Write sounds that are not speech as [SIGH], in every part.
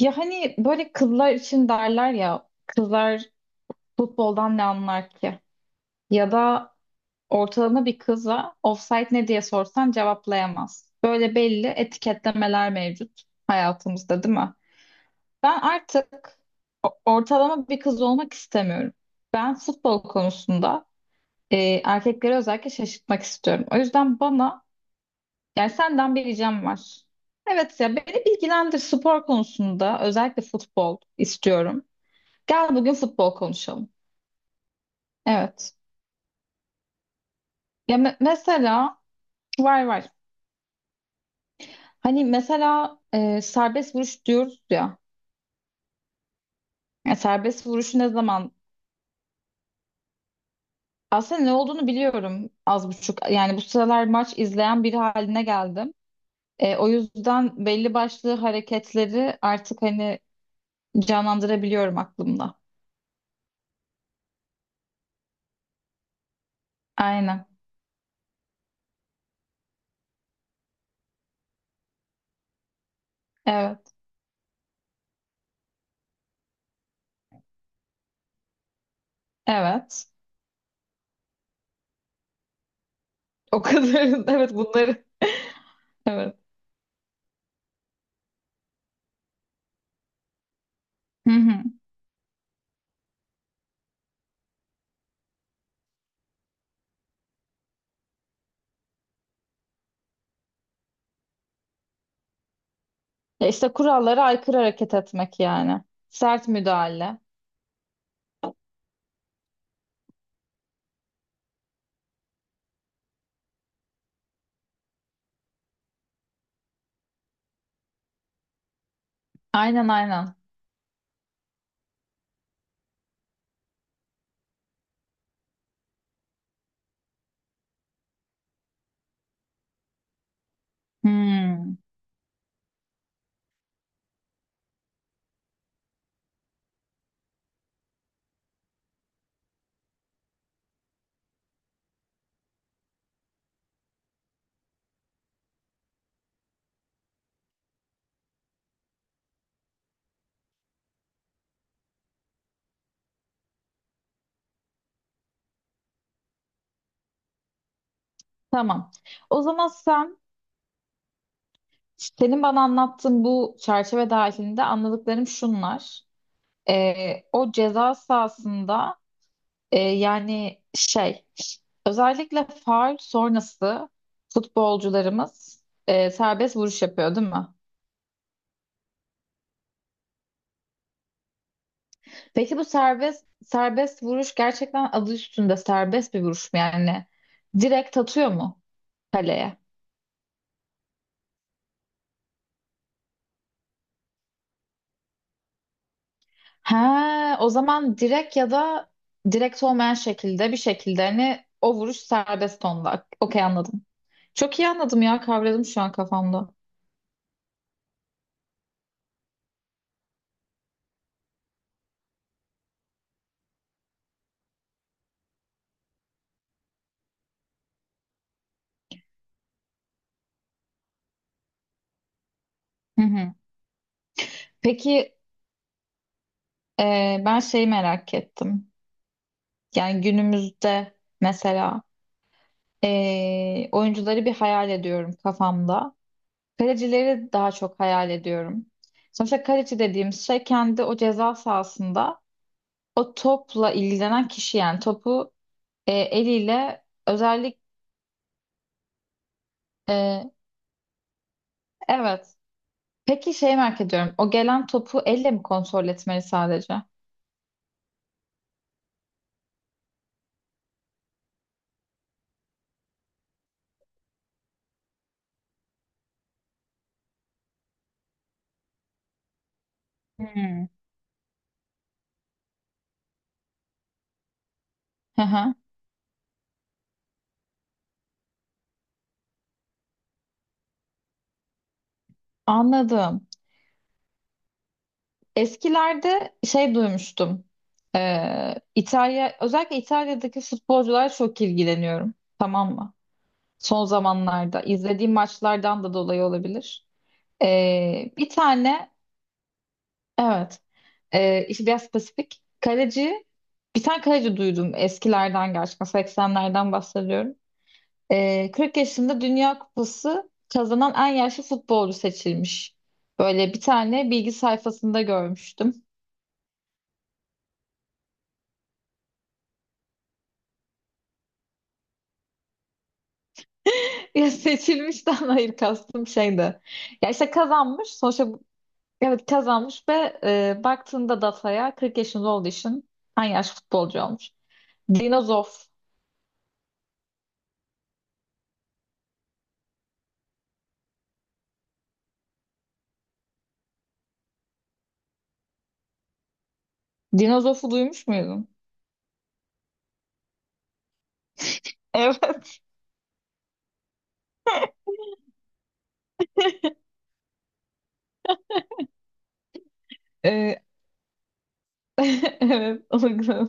Ya hani böyle kızlar için derler ya, kızlar futboldan ne anlar ki? Ya da ortalama bir kıza offside ne diye sorsan cevaplayamaz. Böyle belli etiketlemeler mevcut hayatımızda, değil mi? Ben artık ortalama bir kız olmak istemiyorum. Ben futbol konusunda e, erkekleri özellikle şaşırtmak istiyorum. O yüzden bana yani senden bir ricam var. Evet ya, beni bilgilendir spor konusunda, özellikle futbol istiyorum. Gel bugün futbol konuşalım. Evet. Mesela var var. Hani mesela serbest vuruş diyoruz ya. Ya serbest vuruşu ne zaman? Aslında ne olduğunu biliyorum az buçuk. Yani bu sıralar maç izleyen biri haline geldim. O yüzden belli başlı hareketleri artık hani canlandırabiliyorum aklımda. Aynen. Evet. Evet. O kadar. [LAUGHS] Evet, bunları. Evet. Hı hı. Ya işte kurallara aykırı hareket etmek yani. Sert müdahale. Aynen, aynen. Hmm, tamam. O zaman senin bana anlattığın bu çerçeve dahilinde anladıklarım şunlar. O ceza sahasında, yani şey, özellikle faul sonrası futbolcularımız serbest vuruş yapıyor, değil mi? Peki bu serbest vuruş gerçekten adı üstünde serbest bir vuruş mu yani? Direkt atıyor mu kaleye? Ha, o zaman direkt ya da direkt olmayan şekilde, bir şekilde hani o vuruş serbest onda. Okey, anladım. Çok iyi anladım ya, kavradım şu an kafamda. Hı hı. Peki ben şeyi merak ettim. Yani günümüzde mesela, oyuncuları bir hayal ediyorum kafamda. Kalecileri daha çok hayal ediyorum. Sonuçta kaleci dediğimiz şey kendi o ceza sahasında o topla ilgilenen kişi, yani topu eliyle özellikle. Evet. Peki şey merak ediyorum. O gelen topu elle mi kontrol etmeli sadece? Hmm. Hı hı. Anladım. Eskilerde şey duymuştum. İtalya, özellikle İtalya'daki futbolcular, çok ilgileniyorum. Tamam mı? Son zamanlarda izlediğim maçlardan da dolayı olabilir. Bir tane, evet, işte biraz spesifik kaleci, bir tane kaleci duydum eskilerden, gerçekten 80'lerden bahsediyorum. 40 yaşında Dünya Kupası kazanan en yaşlı futbolcu seçilmiş. Böyle bir tane bilgi sayfasında görmüştüm. [LAUGHS] Ya seçilmişten hayır, kastım şeydi. Ya işte kazanmış sonuçta, evet kazanmış ve baktığında dataya 40 yaşında olduğu için en yaşlı futbolcu olmuş. Dinozof. Dinozof'u duymuş muydun? Evet. Ee, [LAUGHS] evet, o da güzel.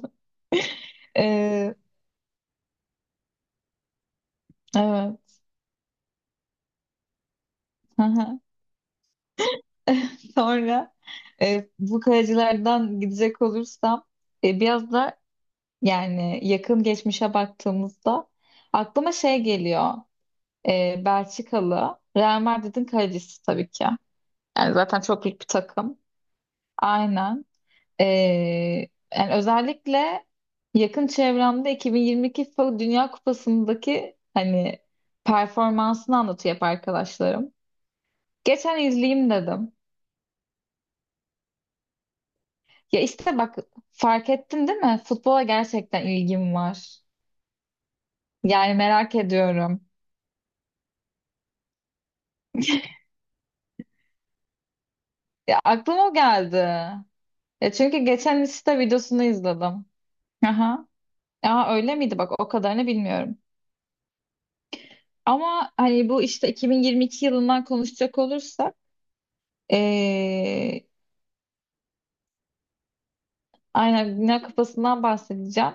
Ee, evet. Aha. [LAUGHS] Sonra bu kayacılardan gidecek olursam, biraz da yani yakın geçmişe baktığımızda aklıma şey geliyor. Belçikalı Real Madrid'in kalecisi tabii ki. Yani zaten çok büyük bir takım. Aynen. Ee, yani özellikle yakın çevremde 2022 FIFA Dünya Kupası'ndaki hani performansını anlatıyor hep arkadaşlarım. Geçen izleyeyim dedim. Ya işte bak, fark ettin değil mi? Futbola gerçekten ilgim var. Yani merak ediyorum. Ya aklıma o geldi. Ya çünkü geçen işte videosunu izledim. Aha. Aa, öyle miydi? Bak o kadarını bilmiyorum. Ama hani bu işte 2022 yılından konuşacak olursak, ee, aynen dünya kupasından bahsedeceğim.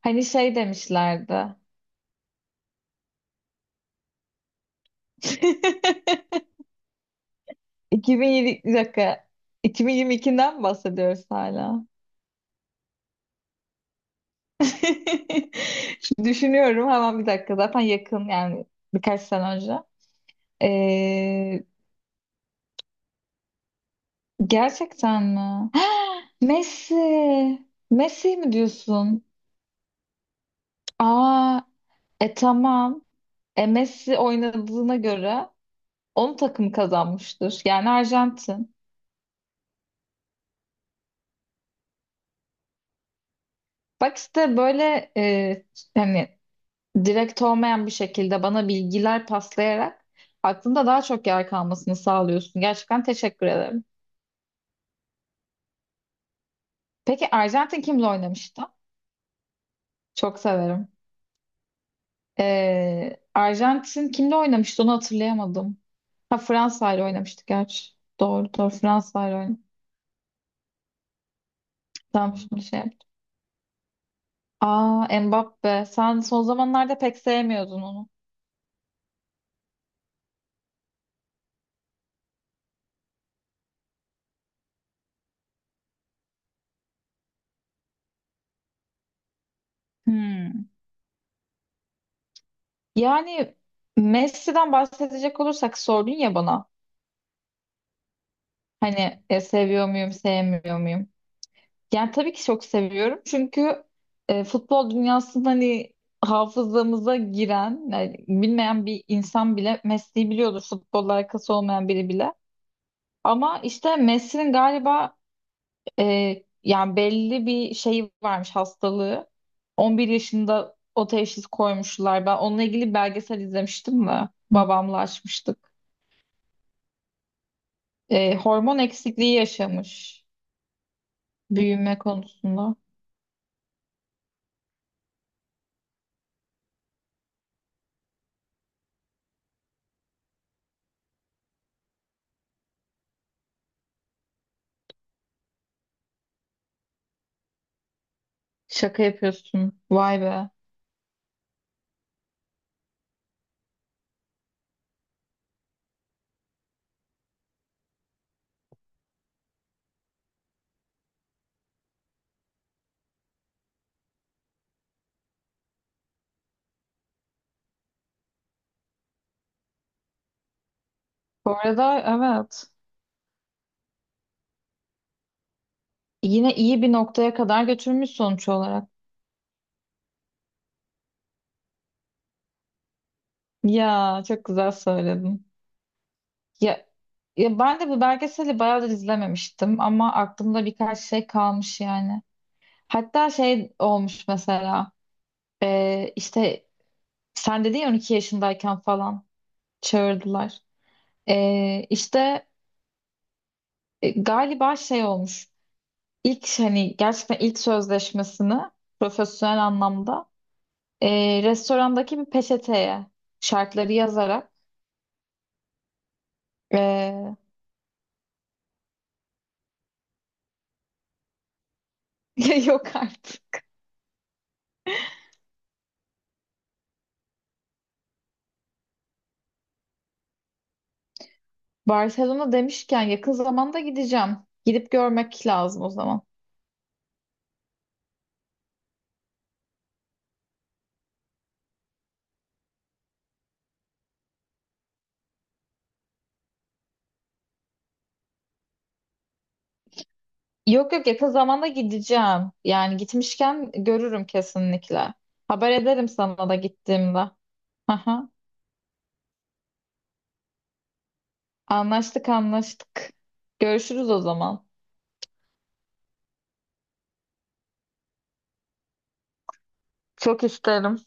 Hani şey demişlerdi. [LAUGHS] 2007, bir dakika. 2022'den mi bahsediyoruz hala? [LAUGHS] Şimdi düşünüyorum hemen, bir dakika. Zaten yakın yani, birkaç sene önce. Ee, gerçekten mi? [GASPS] Messi. Messi mi diyorsun? Aa, tamam. Messi oynadığına göre onun takımı kazanmıştır. Yani Arjantin. Bak işte böyle hani direkt olmayan bir şekilde bana bilgiler paslayarak aklında daha çok yer kalmasını sağlıyorsun. Gerçekten teşekkür ederim. Peki Arjantin kimle oynamıştı? Çok severim. Arjantin kimle oynamıştı onu hatırlayamadım. Ha, Fransa ile oynamıştı gerçi. Doğru doğru, Fransa ile oynamıştı. Tamam, şimdi şey yaptım. Aa, Mbappe, sen son zamanlarda pek sevmiyordun onu. Hmm. Yani Messi'den bahsedecek olursak, sordun ya bana. Hani seviyor muyum, sevmiyor muyum? Yani tabii ki çok seviyorum. Çünkü futbol dünyasında hani hafızamıza giren, yani bilmeyen bir insan bile Messi'yi biliyordur. Futbolla alakası olmayan biri bile. Ama işte Messi'nin galiba yani belli bir şeyi varmış, hastalığı. 11 yaşında o teşhis koymuşlar. Ben onunla ilgili belgesel izlemiştim de babamla açmıştık. Hormon eksikliği yaşamış büyüme konusunda. Şaka yapıyorsun. Vay be. Bu arada evet. Yine iyi bir noktaya kadar götürmüş sonuç olarak. Ya çok güzel söyledin. Ya, ya ben de bu belgeseli bayağıdır izlememiştim ama aklımda birkaç şey kalmış yani. Hatta şey olmuş mesela, işte sen dedin ya, 12 yaşındayken falan çağırdılar. İşte galiba şey olmuş. İlk hani gerçekten ilk sözleşmesini profesyonel anlamda, restorandaki bir peçeteye şartları yazarak. ee, [LAUGHS] yok artık. Barcelona demişken, yakın zamanda gideceğim. Gidip görmek lazım o zaman. Yok yok, yakın zamanda gideceğim. Yani gitmişken görürüm kesinlikle. Haber ederim sana da gittiğimde. Aha, anlaştık anlaştık. Görüşürüz o zaman. Çok isterim.